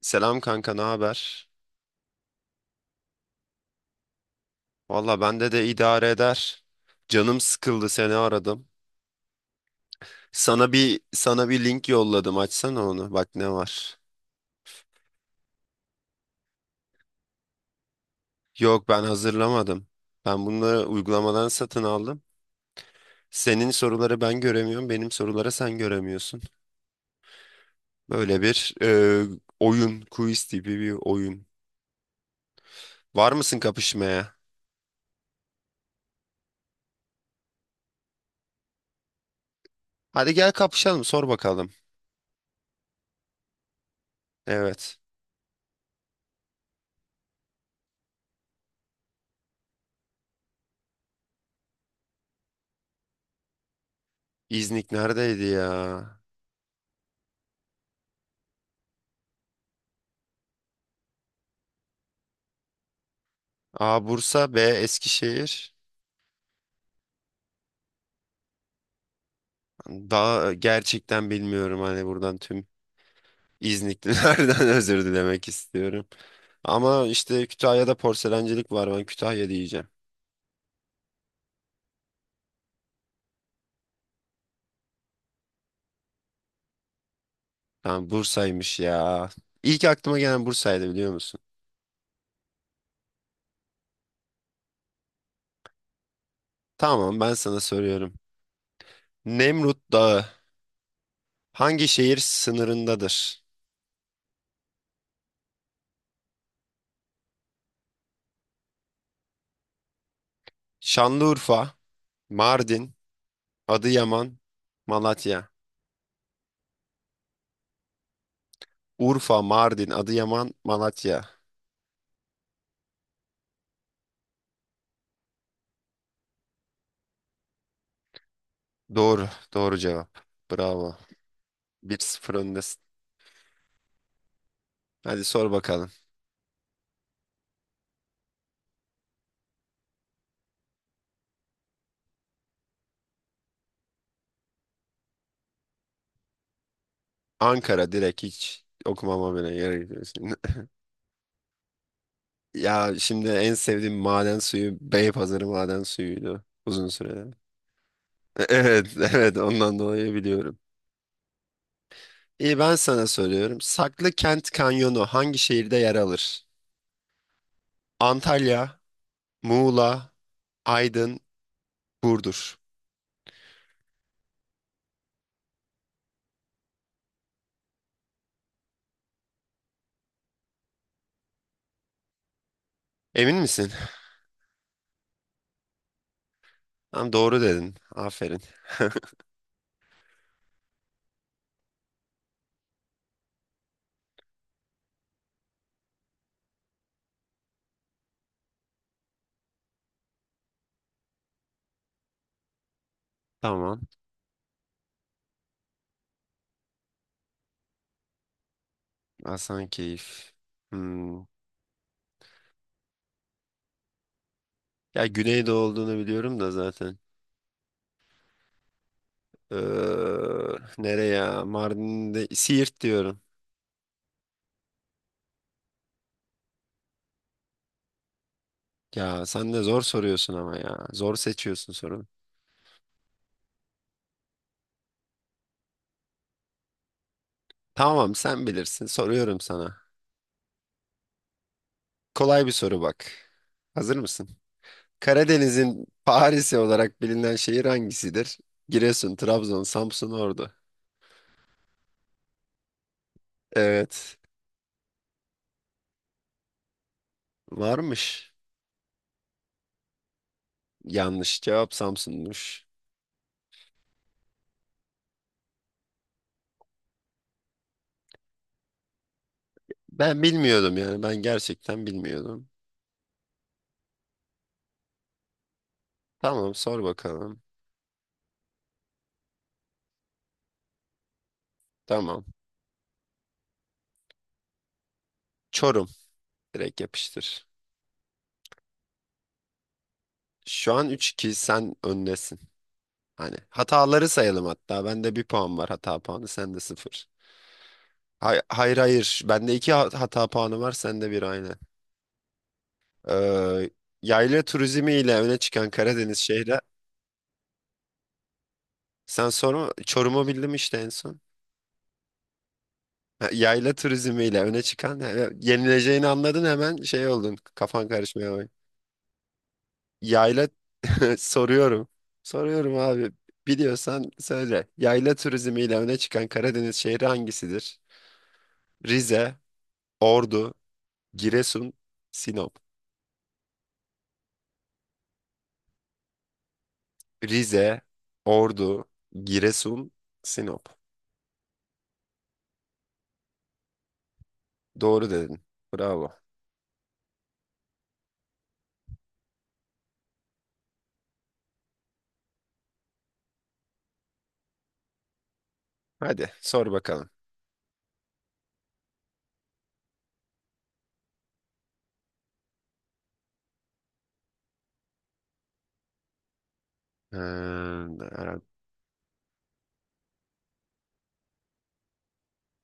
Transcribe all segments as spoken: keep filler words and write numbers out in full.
Selam kanka, ne haber? Valla bende de idare eder. Canım sıkıldı seni aradım. Sana bir sana bir link yolladım. Açsana onu. Bak ne var. Yok ben hazırlamadım. Ben bunları uygulamadan satın aldım. Senin soruları ben göremiyorum. Benim soruları sen göremiyorsun. Böyle bir e, oyun, quiz tipi bir oyun. Var mısın kapışmaya? Hadi gel kapışalım, sor bakalım. Evet. İznik neredeydi ya? A. Bursa, B. Eskişehir. Daha e, gerçekten bilmiyorum hani buradan tüm İzniklilerden özür dilemek istiyorum. Ama işte Kütahya'da porselencilik var, ben Kütahya diyeceğim. Tamam, Bursa'ymış ya. İlk aklıma gelen Bursa'ydı, biliyor musun? Tamam, ben sana soruyorum. Nemrut Dağı hangi şehir sınırındadır? Şanlıurfa, Mardin, Adıyaman, Malatya. Urfa, Mardin, Adıyaman, Malatya. Doğru, doğru cevap. Bravo. Bir sıfır öndesin. Hadi sor bakalım. Ankara, direkt hiç okumama bile gerek yok. Şimdi- Ya şimdi en sevdiğim maden suyu Beypazarı maden suyuydu uzun sürede. Evet, evet, ondan dolayı biliyorum. İyi, ben sana soruyorum. Saklı Kent Kanyonu hangi şehirde yer alır? Antalya, Muğla, Aydın, Burdur. Emin misin? Tamam, doğru dedin. Aferin. Tamam. Hasankeyf. Hmm. Ya Güneydoğu olduğunu biliyorum da zaten. Ee, nereye Mardin'de Siirt diyorum. Ya sen de zor soruyorsun ama ya. Zor seçiyorsun sorunu. Tamam, sen bilirsin. Soruyorum sana. Kolay bir soru bak. Hazır mısın? Karadeniz'in Paris'i olarak bilinen şehir hangisidir? Giresun, Trabzon, Samsun, Ordu. Evet. Varmış. Yanlış cevap, Samsun'muş. Ben bilmiyordum yani. Ben gerçekten bilmiyordum. Tamam, sor bakalım. Tamam. Çorum. Direkt yapıştır. Şu an üç iki, sen öndesin. Hani hataları sayalım hatta. Bende bir puan var hata puanı, sende sıfır. Hay- hayır, hayır. Bende iki ha- hata puanı var, sende bir, aynı. Ee, yayla turizmi ile öne çıkan Karadeniz şehri. Sen sonra Çorum'u bildim işte en son. Ha, yayla turizmi ile öne çıkan, yani yenileceğini anladın, hemen şey oldun. Kafan karışmaya bak. Yayla soruyorum. Soruyorum abi. Biliyorsan söyle. Yayla turizmi ile öne çıkan Karadeniz şehri hangisidir? Rize, Ordu, Giresun, Sinop. Rize, Ordu, Giresun, Sinop. Doğru dedin. Bravo. Hadi sor bakalım. Ee,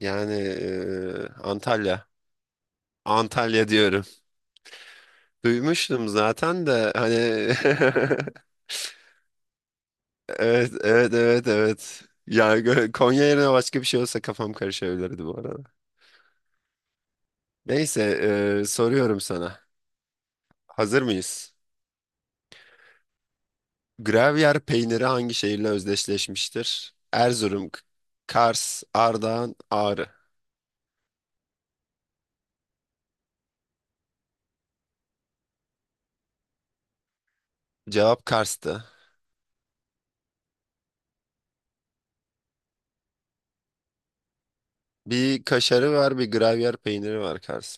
yani e, Antalya. Antalya diyorum. Duymuştum zaten de hani evet, evet, evet, evet. Ya gö- Konya yerine başka bir şey olsa kafam karışabilirdi bu arada. Neyse, e, soruyorum sana. Hazır mıyız? Gravyer peyniri hangi şehirle özdeşleşmiştir? Erzurum, Kars, Ardahan, Ağrı. Cevap Kars'tı. Bir kaşarı var, bir gravyer peyniri var Kars.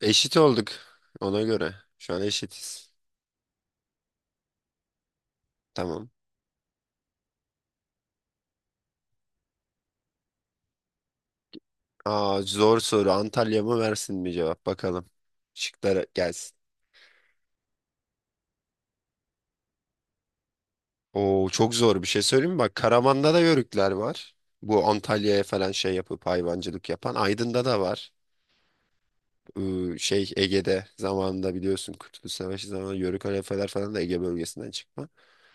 Eşit olduk ona göre. Şu an eşitiz. Tamam. Aa, zor soru. Antalya mı Mersin mi, cevap bakalım. Şıklara gelsin. Oo, çok zor bir şey söyleyeyim mi? Bak, Karaman'da da yörükler var. Bu Antalya'ya falan şey yapıp hayvancılık yapan. Aydın'da da var. Iı, şey Ege'de zamanında biliyorsun, Kurtuluş Savaşı zamanında Yörük halefeler falan da Ege bölgesinden çıkma.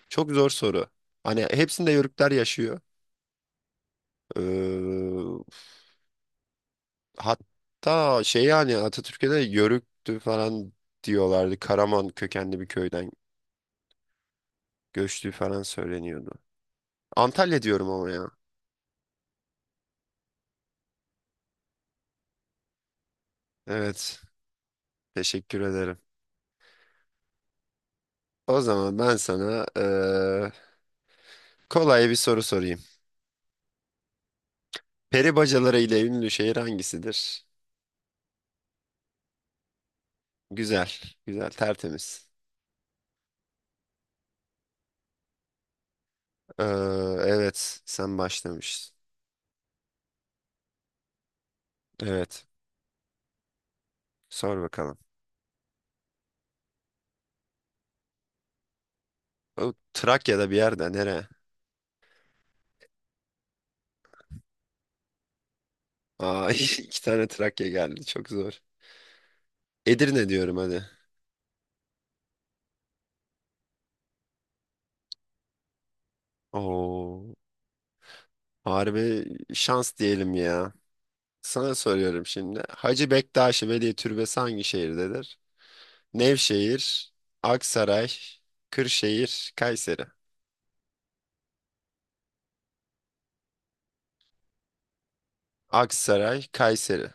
Çok zor soru. Hani hepsinde Yörükler yaşıyor. Iı, hatta şey yani Atatürk'e de Yörüktü falan diyorlardı. Karaman kökenli bir köyden göçtüğü falan söyleniyordu. Antalya diyorum ama ya. Evet. Teşekkür ederim. O zaman ben sana ıı, kolay bir soru sorayım. Peri bacaları ile ünlü şehir hangisidir? Güzel, güzel, tertemiz. Ee, evet, sen başlamışsın. Evet, sor bakalım. O Trakya'da bir yerde nere? Aa, iki tane Trakya geldi, çok zor. Edirne diyorum, hadi. Oo, harbi şans diyelim ya. Sana soruyorum şimdi. Hacı Bektaşi Veli Türbesi hangi şehirdedir? Nevşehir, Aksaray, Kırşehir, Kayseri. Aksaray, Kayseri.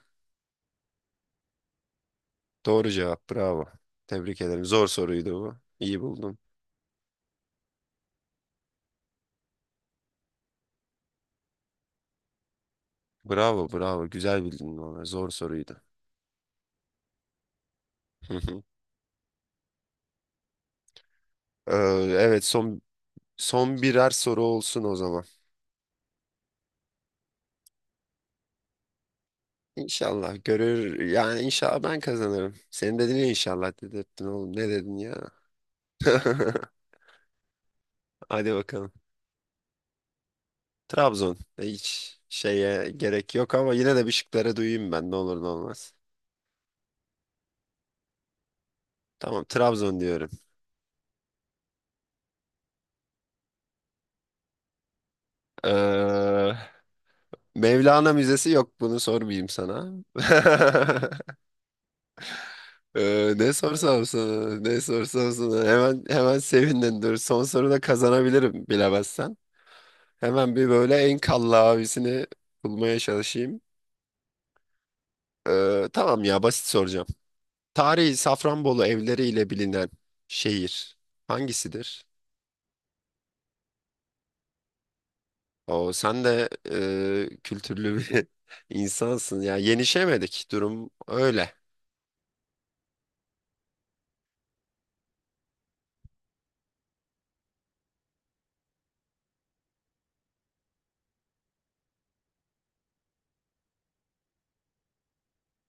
Doğru cevap, bravo. Tebrik ederim. Zor soruydu bu. İyi buldun. Bravo, bravo. Güzel bildin onu. Zor soruydu. Hı hı. Ee, evet, son son birer soru olsun o zaman. İnşallah görür. Yani inşallah ben kazanırım. Senin dedin ya, inşallah dedirttin oğlum. Ne dedin ya? Hadi bakalım. Trabzon. E, Hiç şeye gerek yok ama yine de bir şıkları duyayım ben. Ne olur ne olmaz. Tamam, Trabzon diyorum. Ee, Mevlana Müzesi yok. Bunu sormayayım sana. Ee, ne sorsam sana, ne sorsam sana. Hemen hemen sevindin, dur. Son soruda kazanabilirim bilemezsen. Hemen bir böyle en kalla abisini bulmaya çalışayım. Ee, tamam ya, basit soracağım. Tarihi Safranbolu evleriyle bilinen şehir hangisidir? O sen de e, kültürlü bir insansın. Ya yenişemedik, durum öyle.